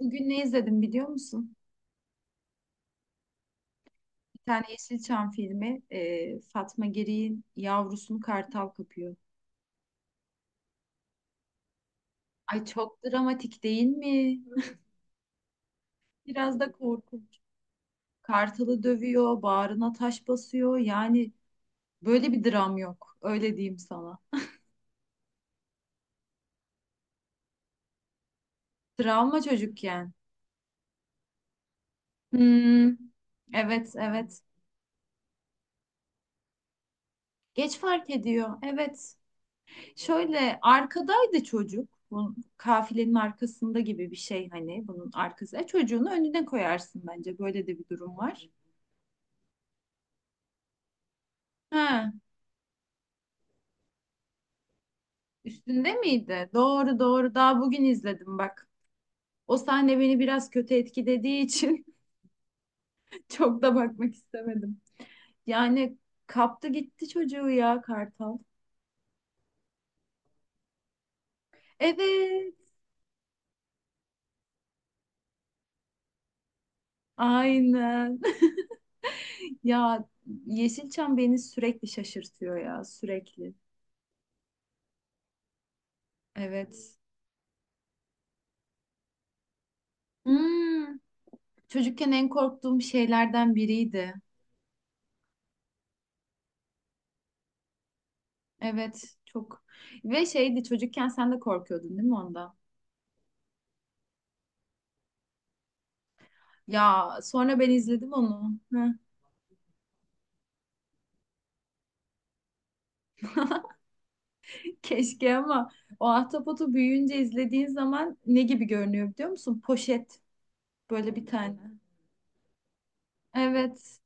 Bugün ne izledim biliyor musun? Bir tane Yeşilçam filmi Fatma Giri'nin yavrusunu kartal kapıyor. Ay çok dramatik değil mi? Biraz da korkunç. Kartalı dövüyor, bağrına taş basıyor. Yani böyle bir dram yok. Öyle diyeyim sana. Travma çocukken. Hmm, evet evet. Geç fark ediyor. Evet. Şöyle arkadaydı çocuk. Bu kafilenin arkasında gibi bir şey hani bunun arkası. Çocuğunu önüne koyarsın bence. Böyle de bir durum var. Ha, üstünde miydi? Doğru doğru. Daha bugün izledim bak. O sahne beni biraz kötü etkilediği için çok da bakmak istemedim. Yani kaptı gitti çocuğu ya kartal. Evet. Aynen. Ya Yeşilçam beni sürekli şaşırtıyor ya sürekli. Evet. Hmm. Çocukken en korktuğum şeylerden biriydi. Evet, çok. Ve şeydi çocukken sen de korkuyordun değil mi ondan? Ya sonra ben izledim onu. Keşke ama o ahtapotu büyüyünce izlediğin zaman ne gibi görünüyor biliyor musun? Poşet böyle bir tane. Evet,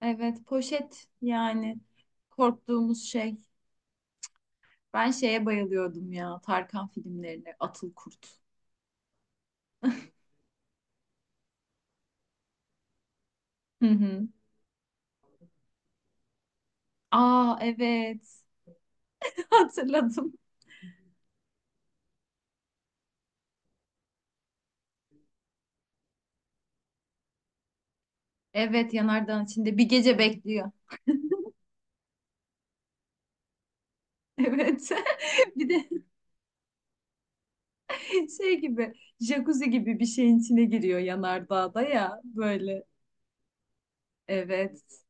evet poşet yani korktuğumuz şey. Ben şeye bayılıyordum ya Tarkan filmlerine Atıl Kurt. Hı hı. Aa evet hatırladım. Evet yanardağın içinde bir gece bekliyor. Evet. Bir de şey gibi jacuzzi gibi bir şeyin içine giriyor yanardağda ya böyle. Evet.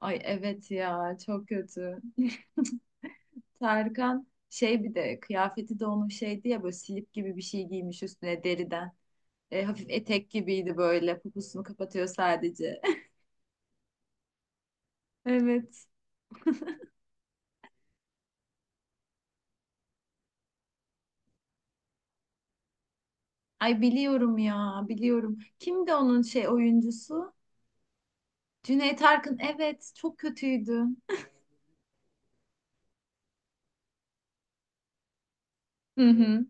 Ay evet ya çok kötü. Tarkan şey bir de kıyafeti de onun şeydi ya böyle slip gibi bir şey giymiş üstüne deriden. Hafif etek gibiydi böyle poposunu kapatıyor sadece. Evet. Ay biliyorum ya biliyorum. Kimdi onun şey oyuncusu? Cüneyt Arkın evet çok kötüydü. Hı hı.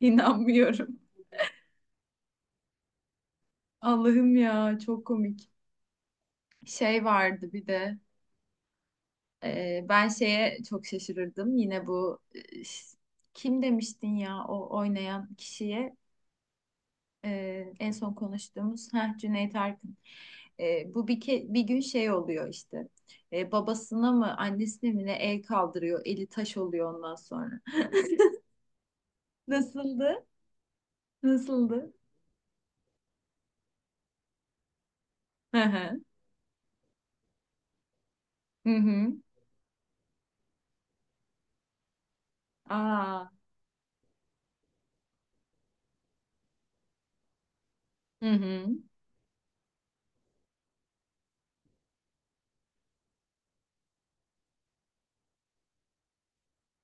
İnanmıyorum. Allah'ım ya çok komik. Şey vardı bir de ben şeye çok şaşırırdım. Yine bu e, ş- kim demiştin ya o oynayan kişiye en son konuştuğumuz Cüneyt Arkın. Bu bir gün şey oluyor işte. Babasına mı annesine mi ne el kaldırıyor. Eli taş oluyor ondan sonra. Nasıldı? Nasıldı? Hı hı. Hı hı. Aa. Hı hı.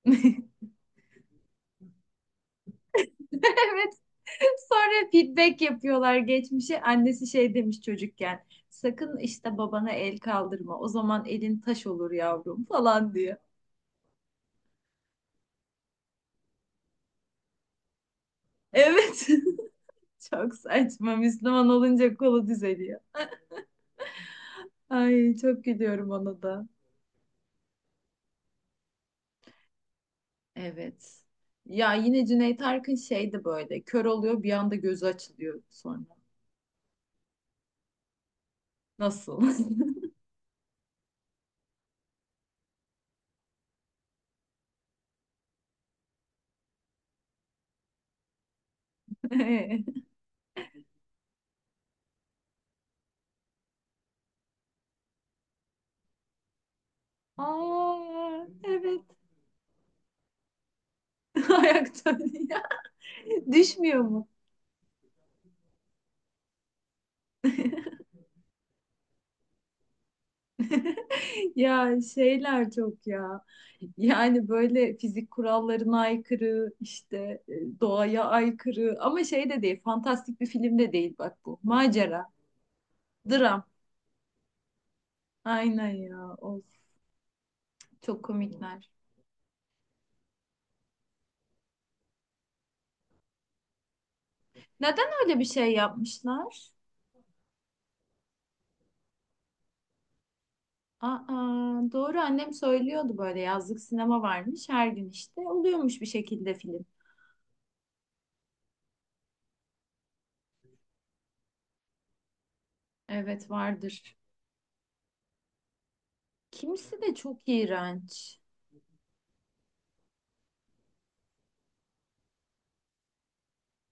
Evet Sonra feedback yapıyorlar geçmişe. Annesi şey demiş çocukken. Sakın işte babana el kaldırma. O zaman elin taş olur yavrum falan diyor. Evet. Çok saçma. Müslüman olunca kolu düzeliyor. Ay çok gülüyorum ona da. Evet. Ya yine Cüneyt Arkın şeydi böyle. Kör oluyor bir anda gözü açılıyor sonra. Nasıl? Aa, evet. Ayakta. Düşmüyor mu? Ya şeyler çok ya. Yani böyle fizik kurallarına aykırı, işte doğaya aykırı ama şey de değil, fantastik bir film de değil bak bu. Macera, dram. Aynen ya. Of, çok komikler. Neden öyle bir şey yapmışlar? Aa, doğru annem söylüyordu böyle yazlık sinema varmış her gün işte oluyormuş bir şekilde film. Evet vardır. Kimisi de çok iğrenç.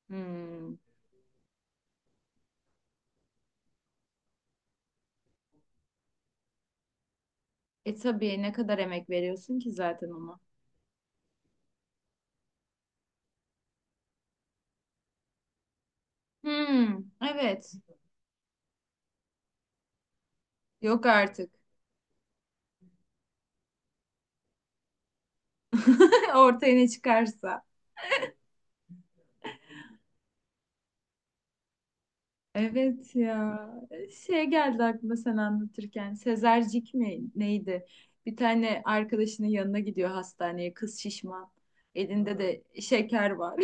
Hmm. Tabii ne kadar emek veriyorsun ki zaten ona. Hmm, evet. Yok artık. Ortaya ne çıkarsa. Evet ya. Şey geldi aklıma sen anlatırken. Sezercik mi neydi? Bir tane arkadaşının yanına gidiyor hastaneye. Kız şişman. Elinde de şeker var.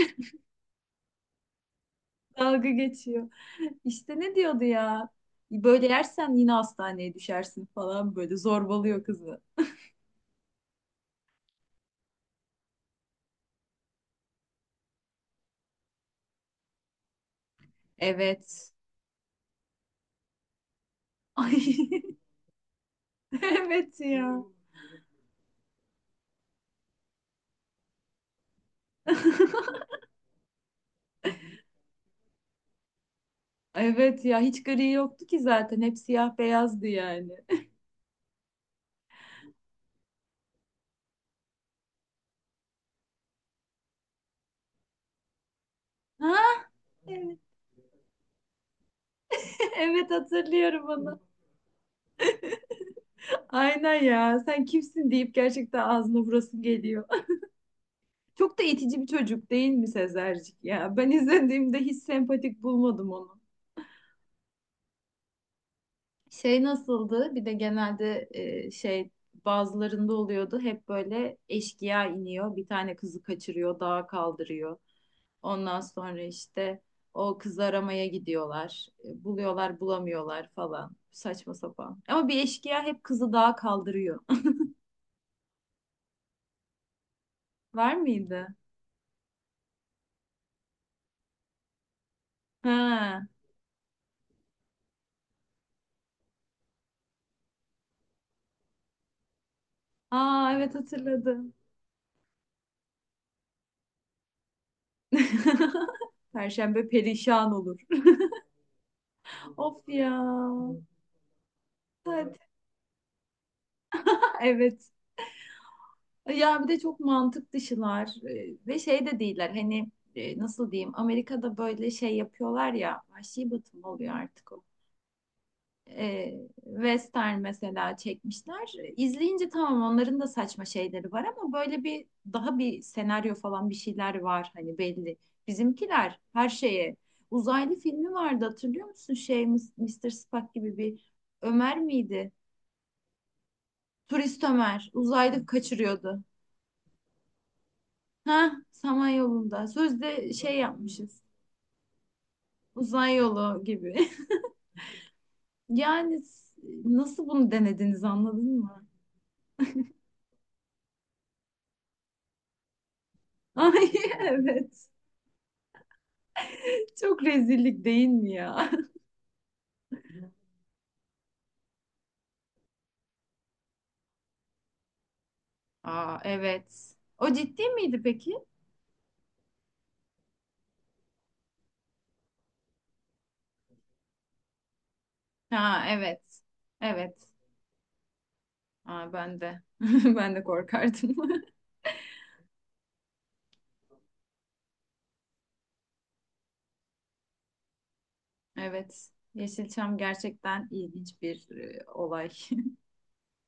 Dalga geçiyor. İşte ne diyordu ya? Böyle yersen yine hastaneye düşersin falan böyle zorbalıyor kızı. Evet. Ay, evet ya. Evet ya hiç gri yoktu ki zaten. Hep siyah beyazdı yani. Ha evet, evet hatırlıyorum onu. Aynen ya. Sen kimsin deyip gerçekten ağzına burası geliyor. Çok da itici bir çocuk değil mi Sezercik ya? Ben izlediğimde hiç sempatik bulmadım onu. Şey nasıldı? Bir de genelde şey bazılarında oluyordu. Hep böyle eşkıya iniyor. Bir tane kızı kaçırıyor, dağa kaldırıyor. Ondan sonra işte o kızı aramaya gidiyorlar. Buluyorlar, bulamıyorlar falan. Saçma sapan. Ama bir eşkıya hep kızı dağa kaldırıyor. Var mıydı? Ha. Aa evet hatırladım. Perşembe perişan olur. Of ya. Hadi. Evet. Ya bir de çok mantık dışılar ve şey de değiller. Hani nasıl diyeyim? Amerika'da böyle şey yapıyorlar ya. Vahşi batı mı oluyor artık o? e, western mesela çekmişler. İzleyince tamam onların da saçma şeyleri var ama böyle bir daha bir senaryo falan bir şeyler var hani belli. Bizimkiler her şeye. Uzaylı filmi vardı hatırlıyor musun? Şey Mister Spock gibi bir Ömer miydi? Turist Ömer uzaylı kaçırıyordu. Ha, Samanyolu'nda. Sözde şey yapmışız. Uzay yolu gibi. Yani nasıl bunu denediniz anladın mı? Ay evet. Çok rezillik değil mi ya? Aa evet. O ciddi miydi peki? Ha evet. Evet. Aa ben de. Ben de korkardım. Evet. Yeşilçam gerçekten ilginç bir olay.